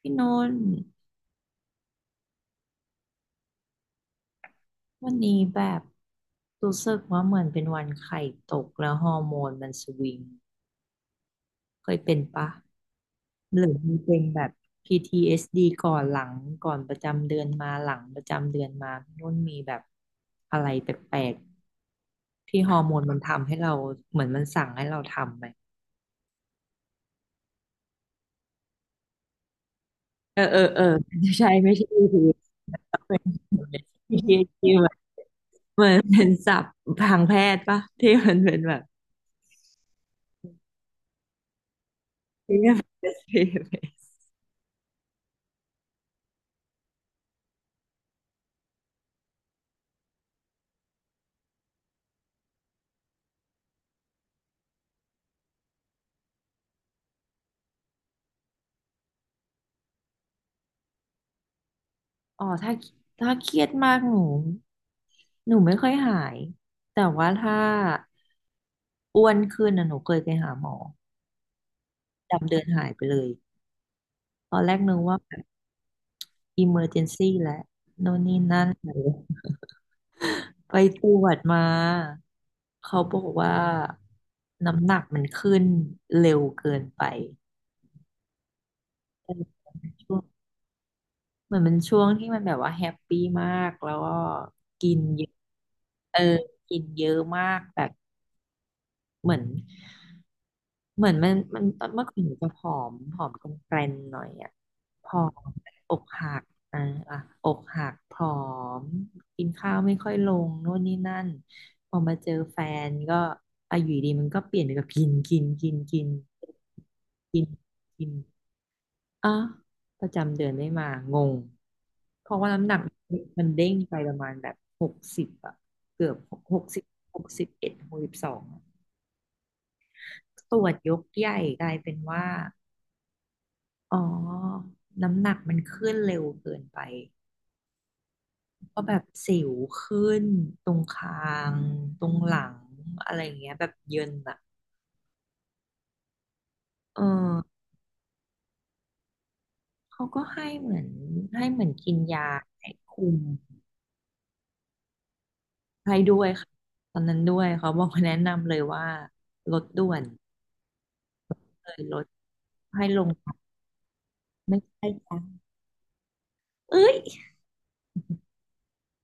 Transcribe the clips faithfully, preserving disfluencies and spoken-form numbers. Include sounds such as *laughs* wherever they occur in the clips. พี่นนท์วันนี้แบบรู้สึกว่าเหมือนเป็นวันไข่ตกแล้วฮอร์โมนมันสวิงเคยเป็นปะหรือมีเป็นแบบ พี ที เอส ดี ก่อนหลังก่อนประจำเดือนมาหลังประจำเดือนมาพี่นุ่นมีแบบอะไรแปลกๆที่ฮอร์โมนมันทำให้เราเหมือนมันสั่งให้เราทำไหมเออเออเออใช่ไม่ใช่ พี ที เอส ดี เอสดีเหมือนเหมือนเป็นศัพท์ทางแพทย์ปะที่มันเป็นแบบ พี ที เอส ดี อ๋อถ้าถ้าเครียดมากหนูหนูไม่ค่อยหายแต่ว่าถ้าอ้วนขึ้นนะหนูเคยไปหาหมอดำเดินหายไปเลยตอนแรกนึกว่าแบบอิเมอร์เจนซี่แหละโน่นนี่นั่นไปตรวจมาเขาบอกว่าน้ำหนักมันขึ้นเร็วเกินไปแต่ช่วงเหมือนมันช่วงที่มันแบบว่าแฮปปี้มากแล้วก็กินเยอะเออกินเยอะมากแบบเหมือน เหมือนมันมันตอนเมื่อก่อนหนูจะผอมผอมกลมแกลนหน่อยอ่ะผอมอกหักอ่าอ่ะอกหักผอมกินข้าวไม่ค่อยลงโน่นนี่นั่นพอมาเจอแฟนก็อายุดีมันก็เปลี่ยนไปกับกินกินกินกินกินกินอ่ะประจำเดือนไม่มางงเพราะว่าน้ำหนักมันเด้งไปประมาณแบบหกสิบอ่ะเกือบหกสิบหกสิบเอ็ดหกสิบสองตรวจยกใหญ่กลายเป็นว่า อ๋อน้ำหนักมันขึ้นเร็วเกินไปก็แบบสิวขึ้นตรงคางตรงหลังอะไรอย่างเงี้ยแบบเยินอะเออเขาก็ให้เหมือนให้เหมือนกินยาให้คุมให้ด้วยค่ะตอนนั้นด้วยเขาบอกแนะนำเลยว่าลดด่วนเลยลดให้ลงไม่ใช่จ้ะเอ้ย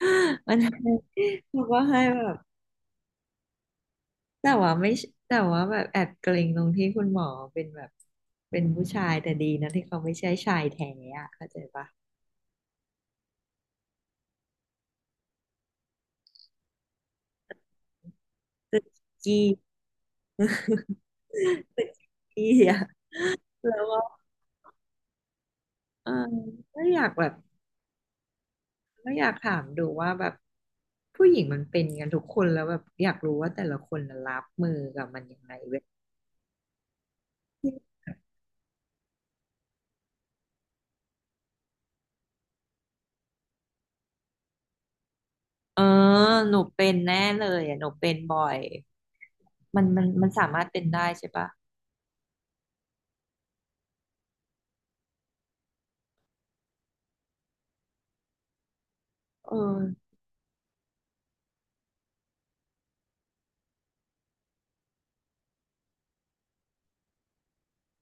*laughs* มันให้ *laughs* บอกว่าให้แบบ แต่ว่าไม่ใช่แต่ว่าแบบแอบเกรงตรงที่คุณหมอเป็นแบบเป็นผู้ชายแต่ดีนะที่เขาไม่ใช่ชายแท้อะเข้าใจปะตึกกี้ *laughs* ตึกกี้อะแล้วว่าเออก็อยากแบบก็อยากถามดูว่าแบบผู้หญิงมันเป็นกันทุกคนแล้วแบบอยากรู้ว่าแต่ละคนน่ะรับมือกับมันยังไงเว้ยเออหนูเป็นแน่เลยอะหนูเป็นบ่อยมันมันมันสามารถเป็นได้ใช่ปะเออ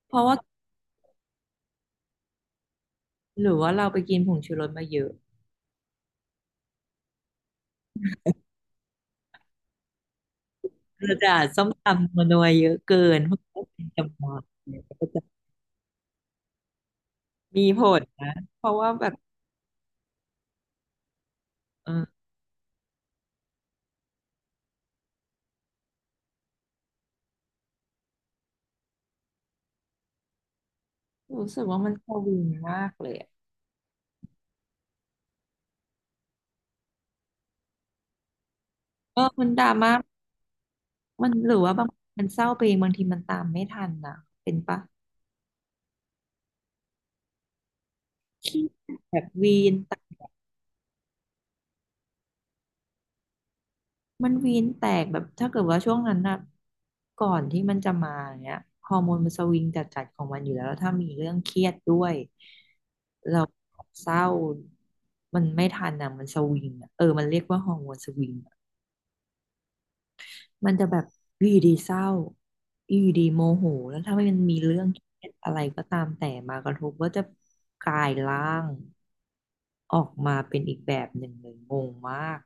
เพราะว่าหรือว่าเราไปกินผงชูรสมาเยอะ เรือจะส้มตำนัวๆเยอะเกินเพราะว่าเป็นจังหวะเนี่ยก็จะมีผลนะเพราะว่าแบบเออรู้สึกว่ามันาวินมากเลยอะเออมันดราม่ามันหรือว่าบางมันเศร้าไปเองบางทีมันตามไม่ทันนะเป็นปะเครียดแบบวีน มันวีนแตกแบบถ้าเกิดว่าช่วงนั้นนะก่อนที่มันจะมาอย่างเงี้ยฮอร์โมนมันสวิงจัดๆของมันอยู่แล้วแล้วถ้ามีเรื่องเครียดด้วยเราเศร้ามันไม่ทันอ่ะมันสวิงอะเออมันเรียกว่าฮอร์โมนสวิงอะมันจะแบบอยู่ดีๆเศร้าอยู่ดีๆโมโหแล้วถ้ามันมีเรื่องเครียดอะไรก็ตามแต่มากระทบก็จะกลายร่างออกมาเป็นอีกแบบหนึ่งเลยงงมาก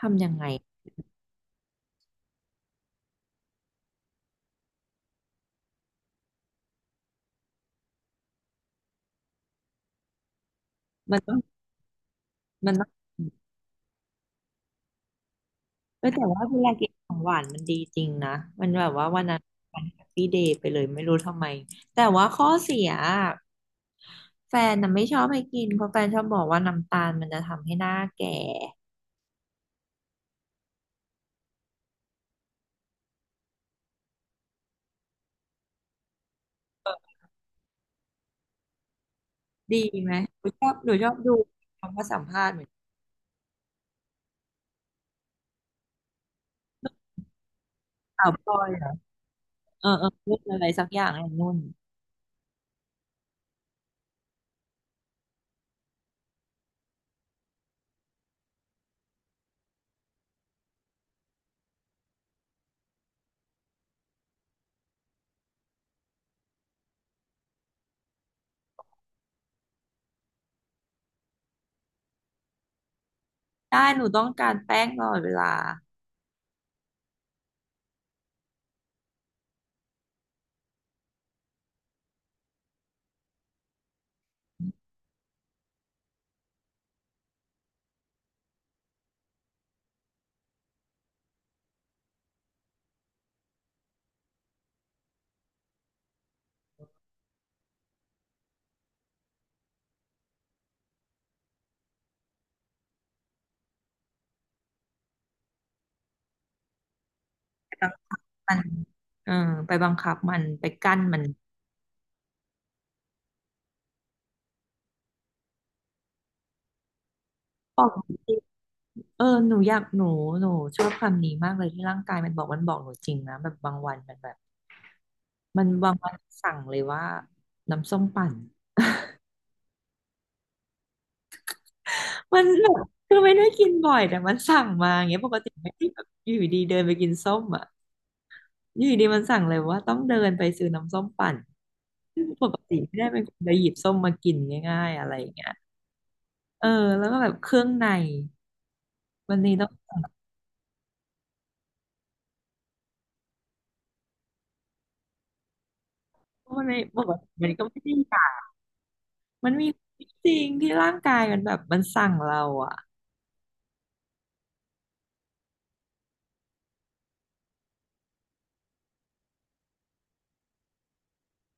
ทำยังไงมันต้องมันต้อง เออแต่ว่าเวลากินของหวานมันดีจริงนะมันแบบว่าวันนั้นวันแฮปปี้เดย์ไปเลยไม่รู้ทำไมแต่ว่าข้อเสียอะแฟนน่ะไม่ชอบให้กินเพราะแฟนชอบบอกว่าน้ำตาลมันจะทำให้หน้าแก่ดีไหมหนูชอบหนูชอบดูคำว่าสัมภาษณ์เหมือนสาวพลอยเหรอเออเออพูดอะไรสักอย่างไอ้นุ่นได้หนูต้องการแป้งตลอดเวลาไปบังคับมันเออไปบังคับมันไปกั้นมันบอกจริ เออหนูอยากหนูหนูชอบคำนี้มากเลยที่ร่างกายมันบอกมันบอกหนูจริงนะแบบบางวันมันแบบมันบางวันสั่งเลยว่าน้ำส้มปั่นมันแบบคือไม่ได้กินบ่อยแต่มันสั่งมาอย่างเงี้ยปกติไม่ได้แบบอยู่ดีๆเดินไปกินส้มอ่ะอยู่ดีๆมันสั่งเลยว่าต้องเดินไปซื้อน้ำส้มปั่นซึ่งปกติไม่ได้เป็นคนไปหยิบส้มมากินง่ายๆอะไรอย่างเงี้ยเออแล้วก็แบบเครื่องในวันนี้ต้องมันไม่ปกติมันก็ไม่ได้อยากมันมีจริงที่ร่างกายมันแบบมันสั่งเราอ่ะ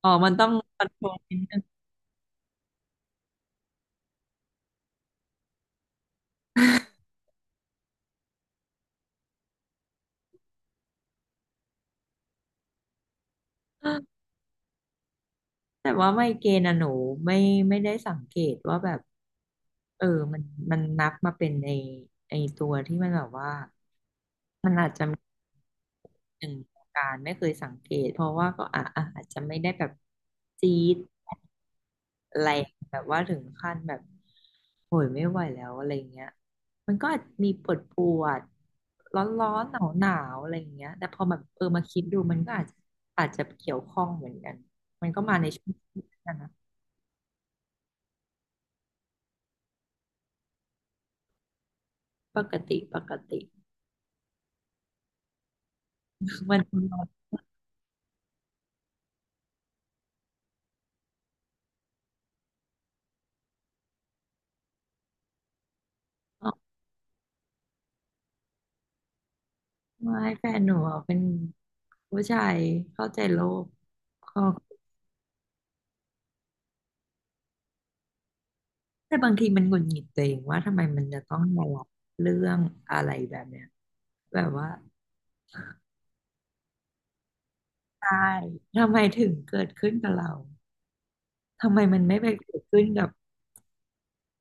อ๋อ มันต้องคอนโทรลนิดนึง *gasps* แต่ว่าไมเกรนอะหนูไม่ไม่ได้สังเกตว่าแบบเออ มันมันนับมาเป็นไอไอตัวที่มันแบบว่ามันอาจจะ หนึ่งวงการไม่เคยสังเกตเพราะว่าก็อ่ะอะอาจจะไม่ได้แบบจี๊ดแรงแบบว่าถึงขั้นแบบโหยไม่ไหวแล้วอะไรเงี้ยมันก็อาจมีปวดปวดร้อนร้อนหนาวหนาวๆอะไรเงี้ยแต่พอแบบเออมาคิดดูมันก็อาจจะอาจจะเกี่ยวข้องเหมือนกันมันก็มาในช่วงที่นั่นนะปกติปกติ *laughs* มันร้อนมาไม่แฟนหนูอะเป็นผู้ชายเข้าใจโลกก็ แต่บางทีมันหงุดหงิดตัวเองว่าทำไมมันจะต้องมารับเรื่องอะไรแบบเนี้ยแบบว่าใช่ทำไมถึงเกิดขึ้นกับเราทำไมมันไม่ไปเกิดขึ้นกับ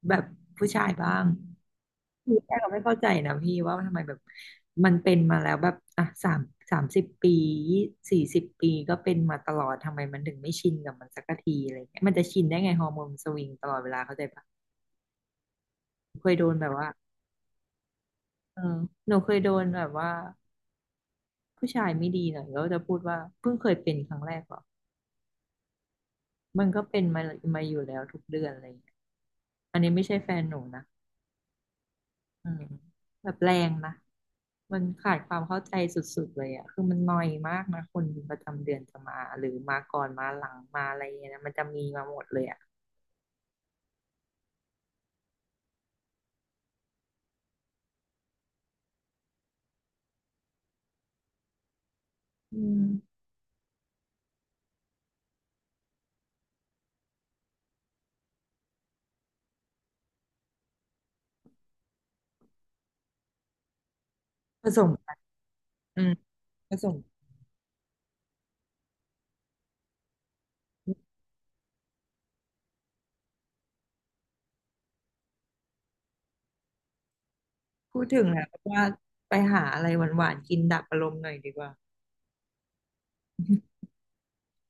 แบบผู้ชายบ้างคือแค่เราไม่เข้าใจนะพี่ว่าทำไมแบบมันเป็นมาแล้วแบบอ่ะสามสามสิบปีสี่สิบปีก็เป็นมาตลอดทำไมมันถึงไม่ชินกับมันสักทีอะไรเงี้ยมันจะชินได้ไงฮอร์โมนสวิงตลอดเวลาเข้าใจปะเคยโดนแบบว่าเออหนูเคยโดนแบบว่า ผู้ชายไม่ดีหน่อยก็จะพูดว่าเพิ่งเคยเป็นครั้งแรกเหรอมันก็เป็นมามาอยู่แล้วทุกเดือนอะไรอย่างเงี้ยอันนี้ไม่ใช่แฟนหนูนะอืมแบบแรงนะมันขาดความเข้าใจสุดๆเลยอะคือมันนอยมากนะคนประจำเดือนจะมาหรือมาก่อนมาหลังมาอะไรอย่างเงี้ยนะมันจะมีมาหมดเลยอะอืมผสมกันอืมผสมพูดถึงแล้วว่าไปหาอะไรหวานๆกินดับอารมณ์หน่อยดีกว่า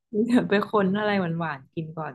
*laughs* เดี๋ยวไปค้นอะไรหวานๆกินก่อน